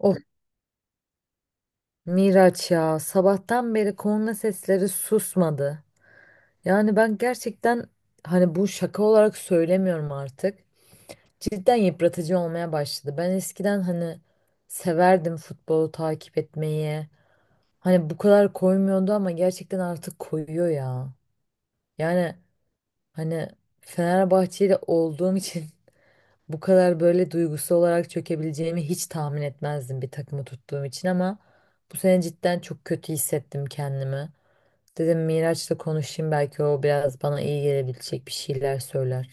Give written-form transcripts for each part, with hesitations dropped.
Of, Miraç ya, sabahtan beri korna sesleri susmadı. Yani ben gerçekten bu şaka olarak söylemiyorum artık. Cidden yıpratıcı olmaya başladı. Ben eskiden hani severdim futbolu takip etmeyi. Hani bu kadar koymuyordu ama gerçekten artık koyuyor ya. Yani hani Fenerbahçeli olduğum için bu kadar böyle duygusal olarak çökebileceğimi hiç tahmin etmezdim bir takımı tuttuğum için, ama bu sene cidden çok kötü hissettim kendimi. Dedim Miraç'la konuşayım, belki o biraz bana iyi gelebilecek bir şeyler söyler.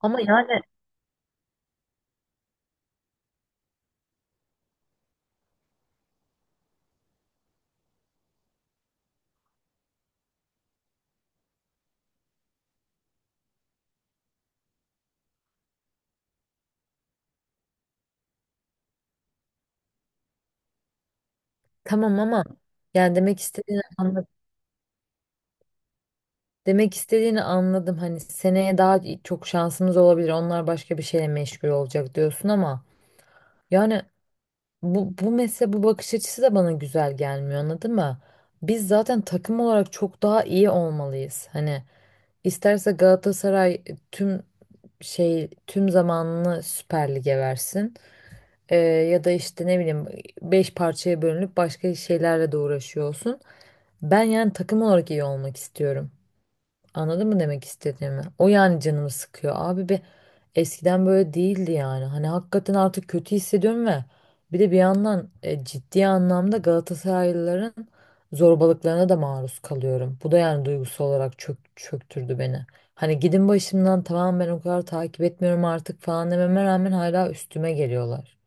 Ama yani, tamam, ama yani demek istediğini anladım. Demek istediğini anladım. Hani seneye daha çok şansımız olabilir, onlar başka bir şeyle meşgul olacak diyorsun, ama yani bu mesela, bu bakış açısı da bana güzel gelmiyor, anladın mı? Biz zaten takım olarak çok daha iyi olmalıyız. Hani isterse Galatasaray tüm tüm zamanını Süper Lig'e versin. Ya da işte ne bileyim, beş parçaya bölünüp başka şeylerle de uğraşıyor olsun. Ben yani takım olarak iyi olmak istiyorum. Anladın mı demek istediğimi? O yani canımı sıkıyor. Abi bir, eskiden böyle değildi yani. Hani hakikaten artık kötü hissediyorum ve bir de bir yandan ciddi anlamda Galatasaraylıların zorbalıklarına da maruz kalıyorum. Bu da yani duygusal olarak çöktürdü beni. Hani gidin başımdan, tamam, ben o kadar takip etmiyorum artık falan dememe rağmen hala üstüme geliyorlar.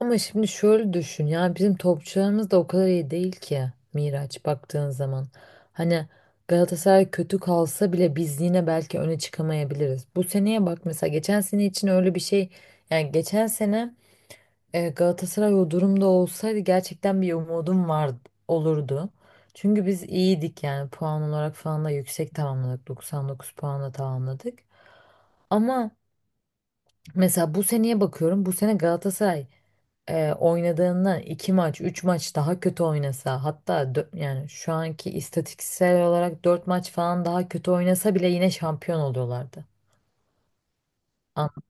Ama şimdi şöyle düşün, yani bizim topçularımız da o kadar iyi değil ki Miraç, baktığın zaman. Hani Galatasaray kötü kalsa bile biz yine belki öne çıkamayabiliriz. Bu seneye bak, mesela geçen sene için öyle bir şey, yani geçen sene Galatasaray o durumda olsaydı gerçekten bir umudum var olurdu. Çünkü biz iyiydik yani, puan olarak falan da yüksek tamamladık, 99 puanla tamamladık. Ama mesela bu seneye bakıyorum, bu sene Galatasaray oynadığından iki maç, üç maç daha kötü oynasa, hatta yani şu anki istatistiksel olarak dört maç falan daha kötü oynasa bile yine şampiyon oluyorlardı. An-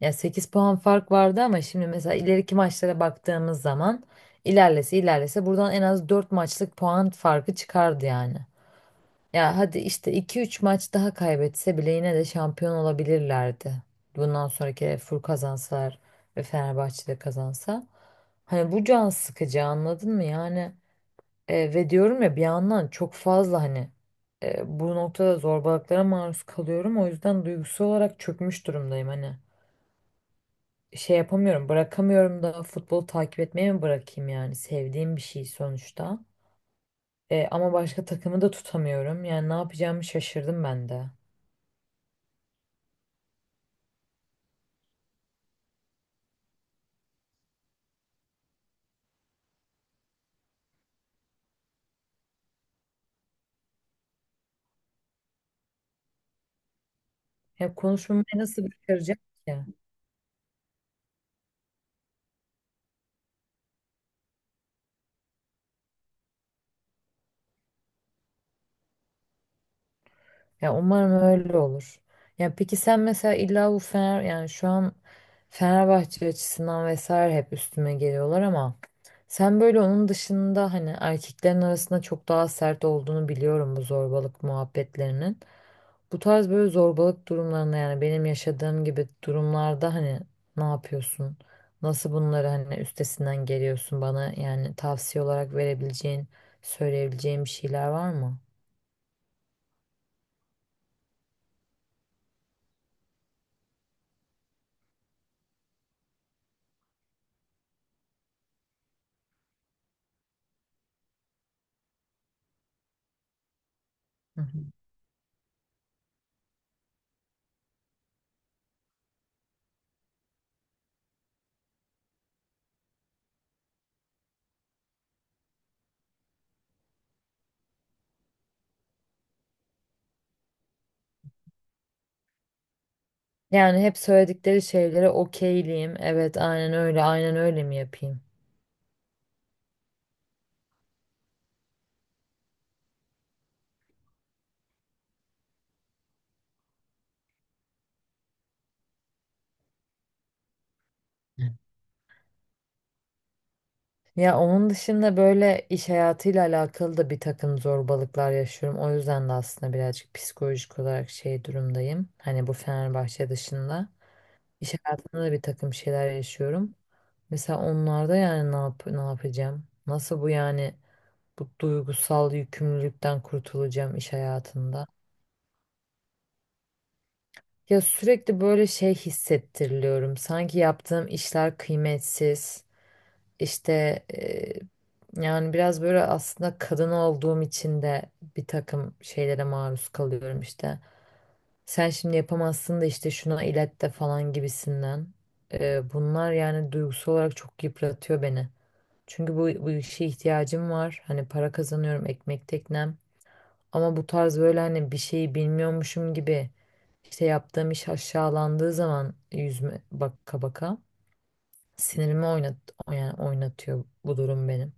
Ya, 8 puan fark vardı ama şimdi mesela ileriki maçlara baktığımız zaman ilerlese ilerlese buradan en az 4 maçlık puan farkı çıkardı yani. Ya hadi işte iki üç maç daha kaybetse bile yine de şampiyon olabilirlerdi. Bundan sonraki Fur kazansalar ve Fenerbahçe de kazansa. Hani bu can sıkıcı, anladın mı? Yani ve diyorum ya, bir yandan çok fazla hani bu noktada zorbalıklara maruz kalıyorum. O yüzden duygusal olarak çökmüş durumdayım hani. Şey yapamıyorum, bırakamıyorum da, futbolu takip etmeyi mi bırakayım yani? Sevdiğim bir şey sonuçta. Ama başka takımı da tutamıyorum. Yani ne yapacağımı şaşırdım ben de. Ya konuşmamı nasıl başaracak ki? Ya umarım öyle olur. Ya peki sen mesela illa bu Fener, yani şu an Fenerbahçe açısından vesaire hep üstüme geliyorlar, ama sen böyle onun dışında, hani erkeklerin arasında çok daha sert olduğunu biliyorum bu zorbalık muhabbetlerinin. Bu tarz böyle zorbalık durumlarında, yani benim yaşadığım gibi durumlarda, hani ne yapıyorsun? Nasıl bunları hani üstesinden geliyorsun? Bana yani tavsiye olarak verebileceğin, söyleyebileceğin bir şeyler var mı? Hı hı. Yani hep söyledikleri şeylere okeyliyim. Evet, aynen öyle, aynen öyle mi yapayım? Ya onun dışında böyle iş hayatıyla alakalı da bir takım zorbalıklar yaşıyorum. O yüzden de aslında birazcık psikolojik olarak şey durumdayım. Hani bu Fenerbahçe dışında. İş hayatında da bir takım şeyler yaşıyorum. Mesela onlarda yani ne yap, ne yapacağım? Nasıl bu yani bu duygusal yükümlülükten kurtulacağım iş hayatında? Ya sürekli böyle şey hissettiriliyorum. Sanki yaptığım işler kıymetsiz. İşte e, yani biraz böyle aslında kadın olduğum için de bir takım şeylere maruz kalıyorum işte. Sen şimdi yapamazsın da, işte şuna ilet de falan gibisinden. Bunlar yani duygusal olarak çok yıpratıyor beni. Çünkü bu işe ihtiyacım var. Hani para kazanıyorum, ekmek teknem. Ama bu tarz böyle hani bir şeyi bilmiyormuşum gibi, işte yaptığım iş aşağılandığı zaman yüzme baka baka sinirimi oynat yani oynatıyor bu durum benim.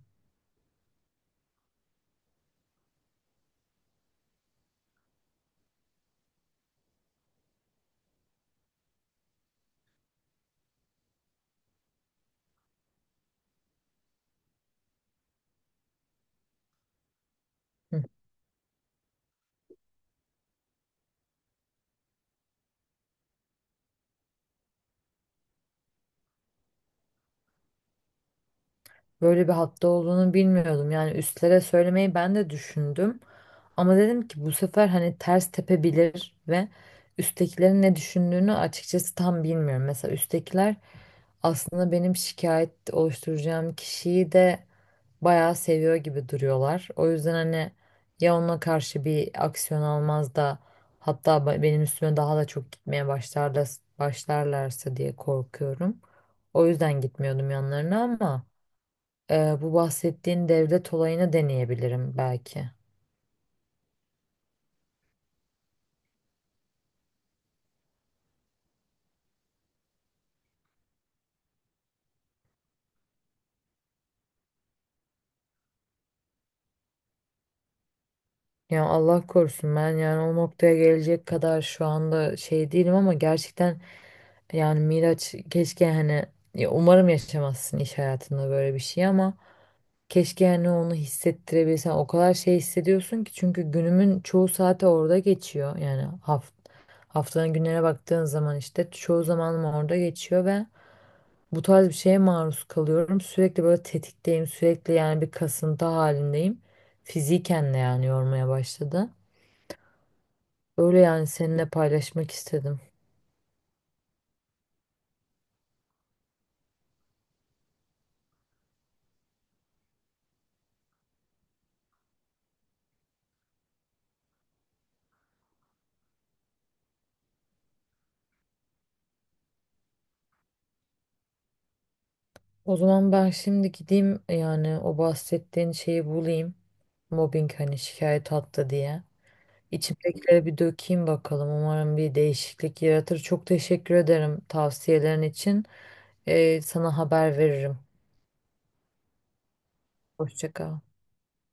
Hı. Böyle bir hatta olduğunu bilmiyordum. Yani üstlere söylemeyi ben de düşündüm. Ama dedim ki bu sefer hani ters tepebilir ve üsttekilerin ne düşündüğünü açıkçası tam bilmiyorum. Mesela üsttekiler aslında benim şikayet oluşturacağım kişiyi de bayağı seviyor gibi duruyorlar. O yüzden hani ya ona karşı bir aksiyon almaz da hatta benim üstüme daha da çok gitmeye başlarlarsa diye korkuyorum. O yüzden gitmiyordum yanlarına, ama bu bahsettiğin devlet olayını deneyebilirim belki. Ya Allah korusun, ben yani o noktaya gelecek kadar şu anda şey değilim, ama gerçekten yani Miraç keşke hani, ya umarım yaşamazsın iş hayatında böyle bir şey, ama keşke hani onu hissettirebilsen, o kadar şey hissediyorsun ki, çünkü günümün çoğu saati orada geçiyor yani, haftanın günlerine baktığın zaman işte çoğu zamanım orada geçiyor ve bu tarz bir şeye maruz kalıyorum. Sürekli böyle tetikteyim. Sürekli yani bir kasıntı halindeyim. Fiziken de yani yormaya başladı. Öyle, yani seninle paylaşmak istedim. O zaman ben şimdi gideyim yani o bahsettiğin şeyi bulayım. Mobbing hani, şikayet attı diye. İçimdekileri bir dökeyim bakalım. Umarım bir değişiklik yaratır. Çok teşekkür ederim tavsiyelerin için. Sana haber veririm. Hoşça kal.